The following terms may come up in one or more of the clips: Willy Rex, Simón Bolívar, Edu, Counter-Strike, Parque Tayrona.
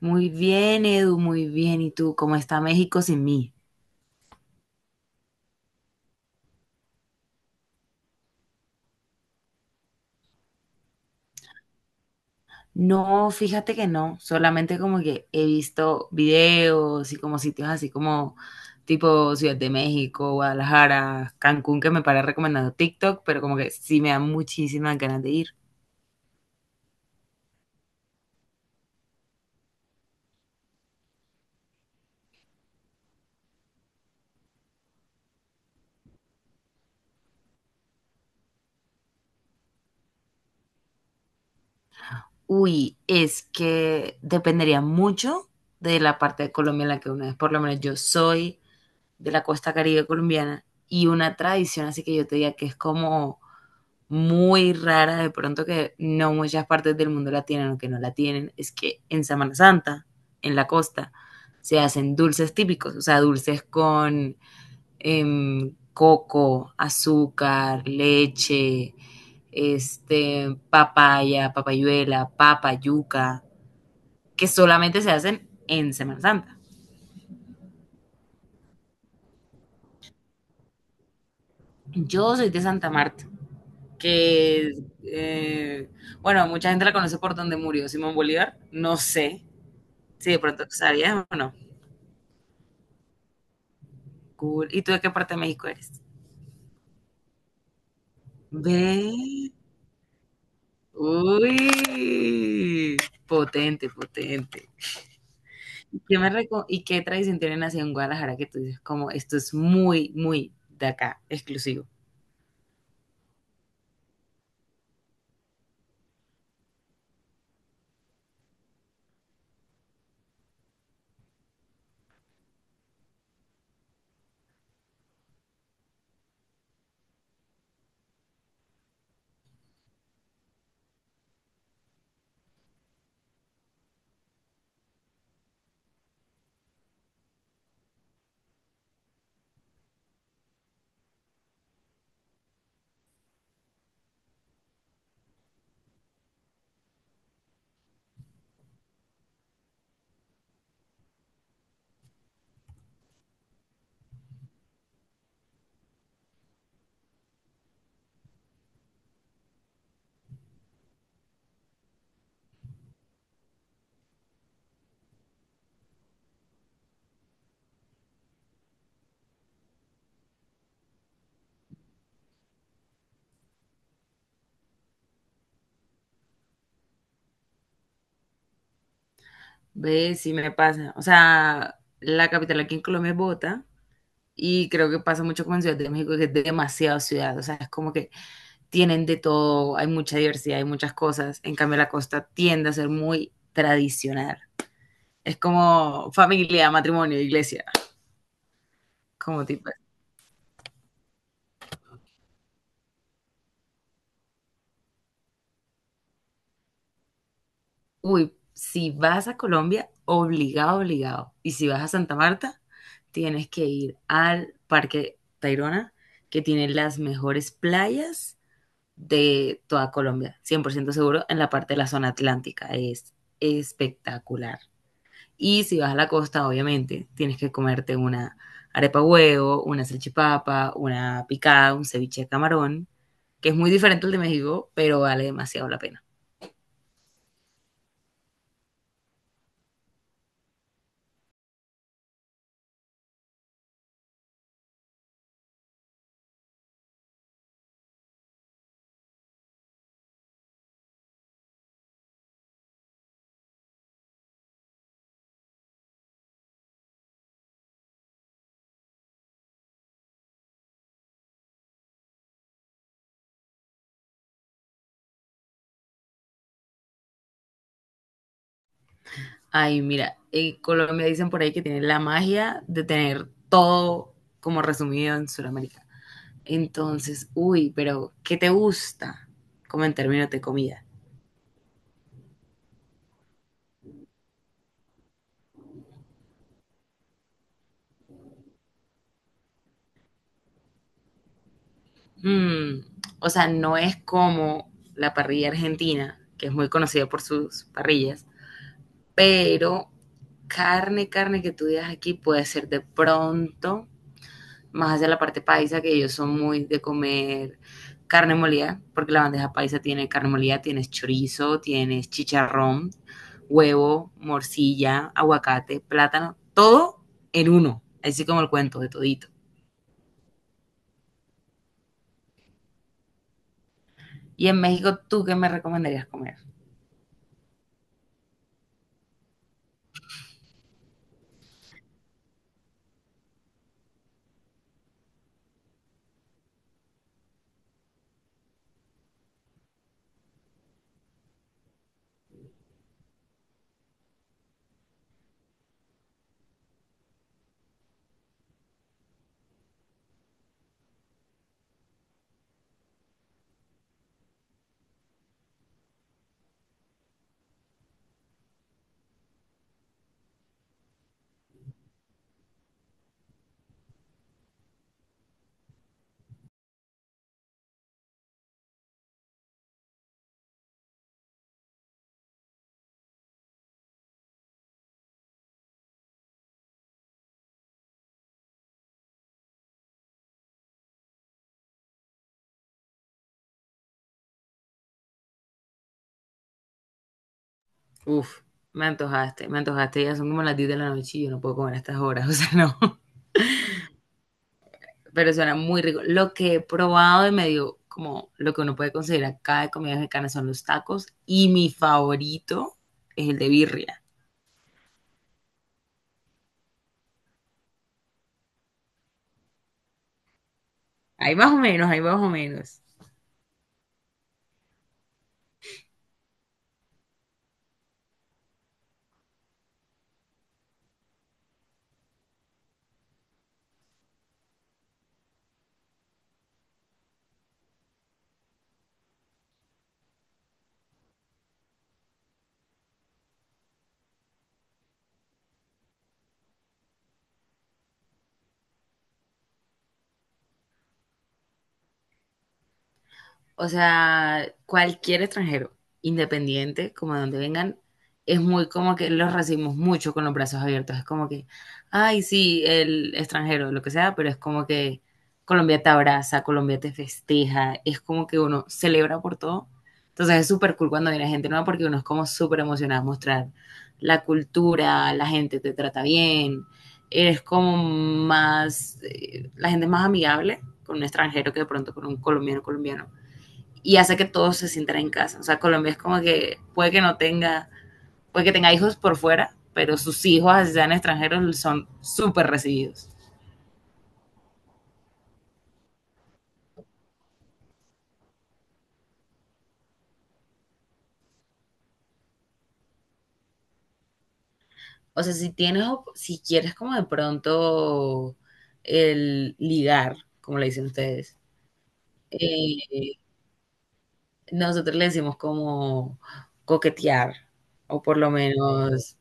Muy bien, Edu, muy bien. ¿Y tú, cómo está México sin mí? No, fíjate que no, solamente como que he visto videos y como sitios así como tipo Ciudad de México, Guadalajara, Cancún, que me para recomendando TikTok, pero como que sí me da muchísimas ganas de ir. Uy, es que dependería mucho de la parte de Colombia en la que uno es. Por lo menos yo soy de la costa caribe colombiana y una tradición, así que yo te diga que es como muy rara, de pronto que no muchas partes del mundo la tienen o que no la tienen, es que en Semana Santa, en la costa, se hacen dulces típicos, o sea, dulces con coco, azúcar, leche, papaya, papayuela, papa, yuca, que solamente se hacen en Semana Santa. Yo soy de Santa Marta, que, eh, bueno, mucha gente la conoce por donde murió Simón Bolívar, no sé, si de pronto tú sabías o no. Cool. ¿Y tú de qué parte de México eres? Ve, uy, potente, potente. ¿Qué me reco- ¿Y qué tradición tienen así en Guadalajara que tú dices, como esto es muy, muy de acá, exclusivo? Ve, sí me pasa. O sea, la capital aquí en Colombia es Bogotá y creo que pasa mucho como en Ciudad de México, que es demasiado ciudad. O sea, es como que tienen de todo, hay mucha diversidad, hay muchas cosas. En cambio, la costa tiende a ser muy tradicional. Es como familia, matrimonio, iglesia, como tipo, uy, si vas a Colombia, obligado, obligado. Y si vas a Santa Marta, tienes que ir al Parque Tayrona, que tiene las mejores playas de toda Colombia, 100% seguro, en la parte de la zona atlántica. Es espectacular. Y si vas a la costa, obviamente, tienes que comerte una arepa huevo, una salchipapa, una picada, un ceviche de camarón, que es muy diferente al de México, pero vale demasiado la pena. Ay, mira, en Colombia dicen por ahí que tiene la magia de tener todo como resumido en Sudamérica. Entonces, uy, pero ¿qué te gusta? Como en términos de comida. Mm, o sea, no es como la parrilla argentina, que es muy conocida por sus parrillas, pero carne, carne que tú digas aquí puede ser de pronto, más hacia la parte paisa, que ellos son muy de comer carne molida, porque la bandeja paisa tiene carne molida, tienes chorizo, tienes chicharrón, huevo, morcilla, aguacate, plátano, todo en uno, así como el cuento de todito. Y en México, ¿tú qué me recomendarías comer? Uf, me antojaste, ya son como las 10 de la noche y yo no puedo comer a estas horas, o sea, no. Pero suena muy rico. Lo que he probado y me dio como lo que uno puede conseguir acá de comida mexicana son los tacos y mi favorito es el de birria. Ahí más o menos, ahí más o menos. O sea, cualquier extranjero, independiente, como de donde vengan, es muy como que los recibimos mucho con los brazos abiertos. Es como que, ay, sí, el extranjero, lo que sea, pero es como que Colombia te abraza, Colombia te festeja, es como que uno celebra por todo. Entonces es súper cool cuando viene gente nueva porque uno es como súper emocionado a mostrar la cultura, la gente te trata bien, eres como más, la gente es más amigable con un extranjero que de pronto con un colombiano colombiano y hace que todos se sientan en casa. O sea, Colombia es como que puede que no tenga, puede que tenga hijos por fuera, pero sus hijos, así sean extranjeros, son súper recibidos. O sea, si tienes, si quieres como de pronto el ligar, como le dicen ustedes, eh, nosotros le decimos como coquetear, o por lo menos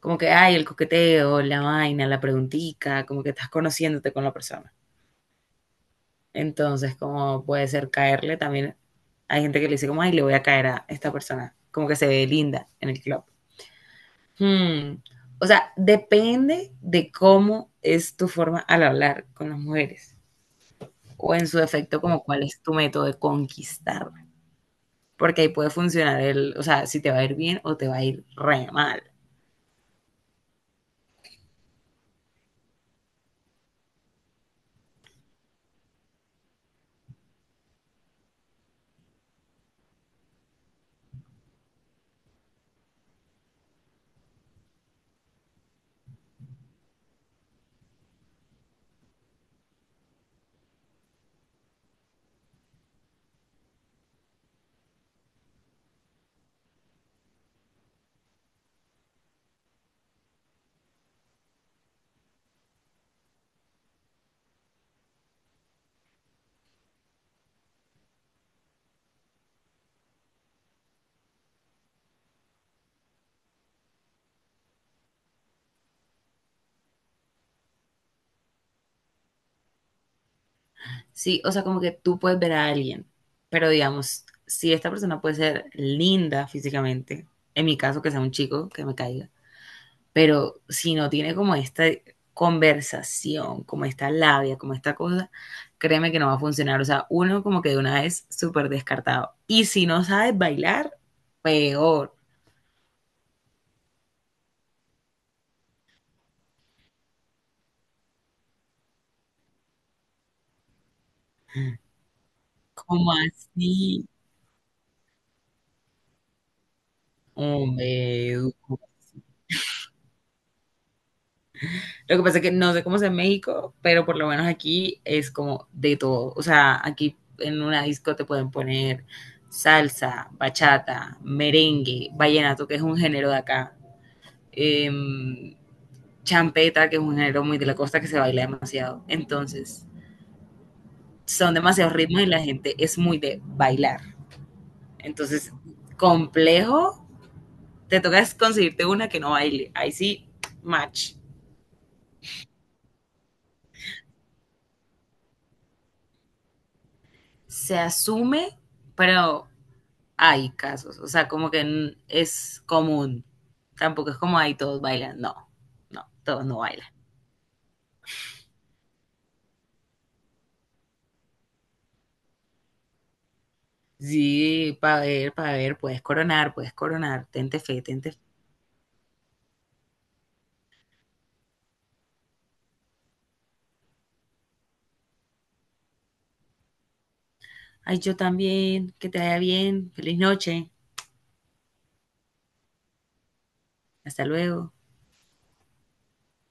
como que ay el coqueteo, la vaina, la preguntica, como que estás conociéndote con la persona. Entonces, como puede ser caerle también. Hay gente que le dice como, ay, le voy a caer a esta persona. Como que se ve linda en el club. Hmm. O sea, depende de cómo es tu forma al hablar con las mujeres. O en su defecto, como cuál es tu método de conquistar. Porque ahí puede funcionar el, o sea, si te va a ir bien o te va a ir re mal. Sí, o sea, como que tú puedes ver a alguien, pero digamos, si esta persona puede ser linda físicamente, en mi caso que sea un chico que me caiga, pero si no tiene como esta conversación, como esta labia, como esta cosa, créeme que no va a funcionar. O sea, uno como que de una vez súper descartado. Y si no sabes bailar, peor. ¿Cómo así? Hombre, Edu. Lo que pasa es que no sé cómo es en México, pero por lo menos aquí es como de todo. O sea, aquí en una disco te pueden poner salsa, bachata, merengue, vallenato, que es un género de acá. Em, champeta, que es un género muy de la costa que se baila demasiado. Entonces, son demasiados ritmos y la gente es muy de bailar. Entonces, complejo, te toca conseguirte una que no baile. Ahí sí, match. Se asume, pero hay casos. O sea, como que es común. Tampoco es como ahí todos bailan. No, no, todos no bailan. Sí, para ver, puedes coronar, puedes coronar. Tente fe, tente fe. Ay, yo también, que te vaya bien, feliz noche. Hasta luego.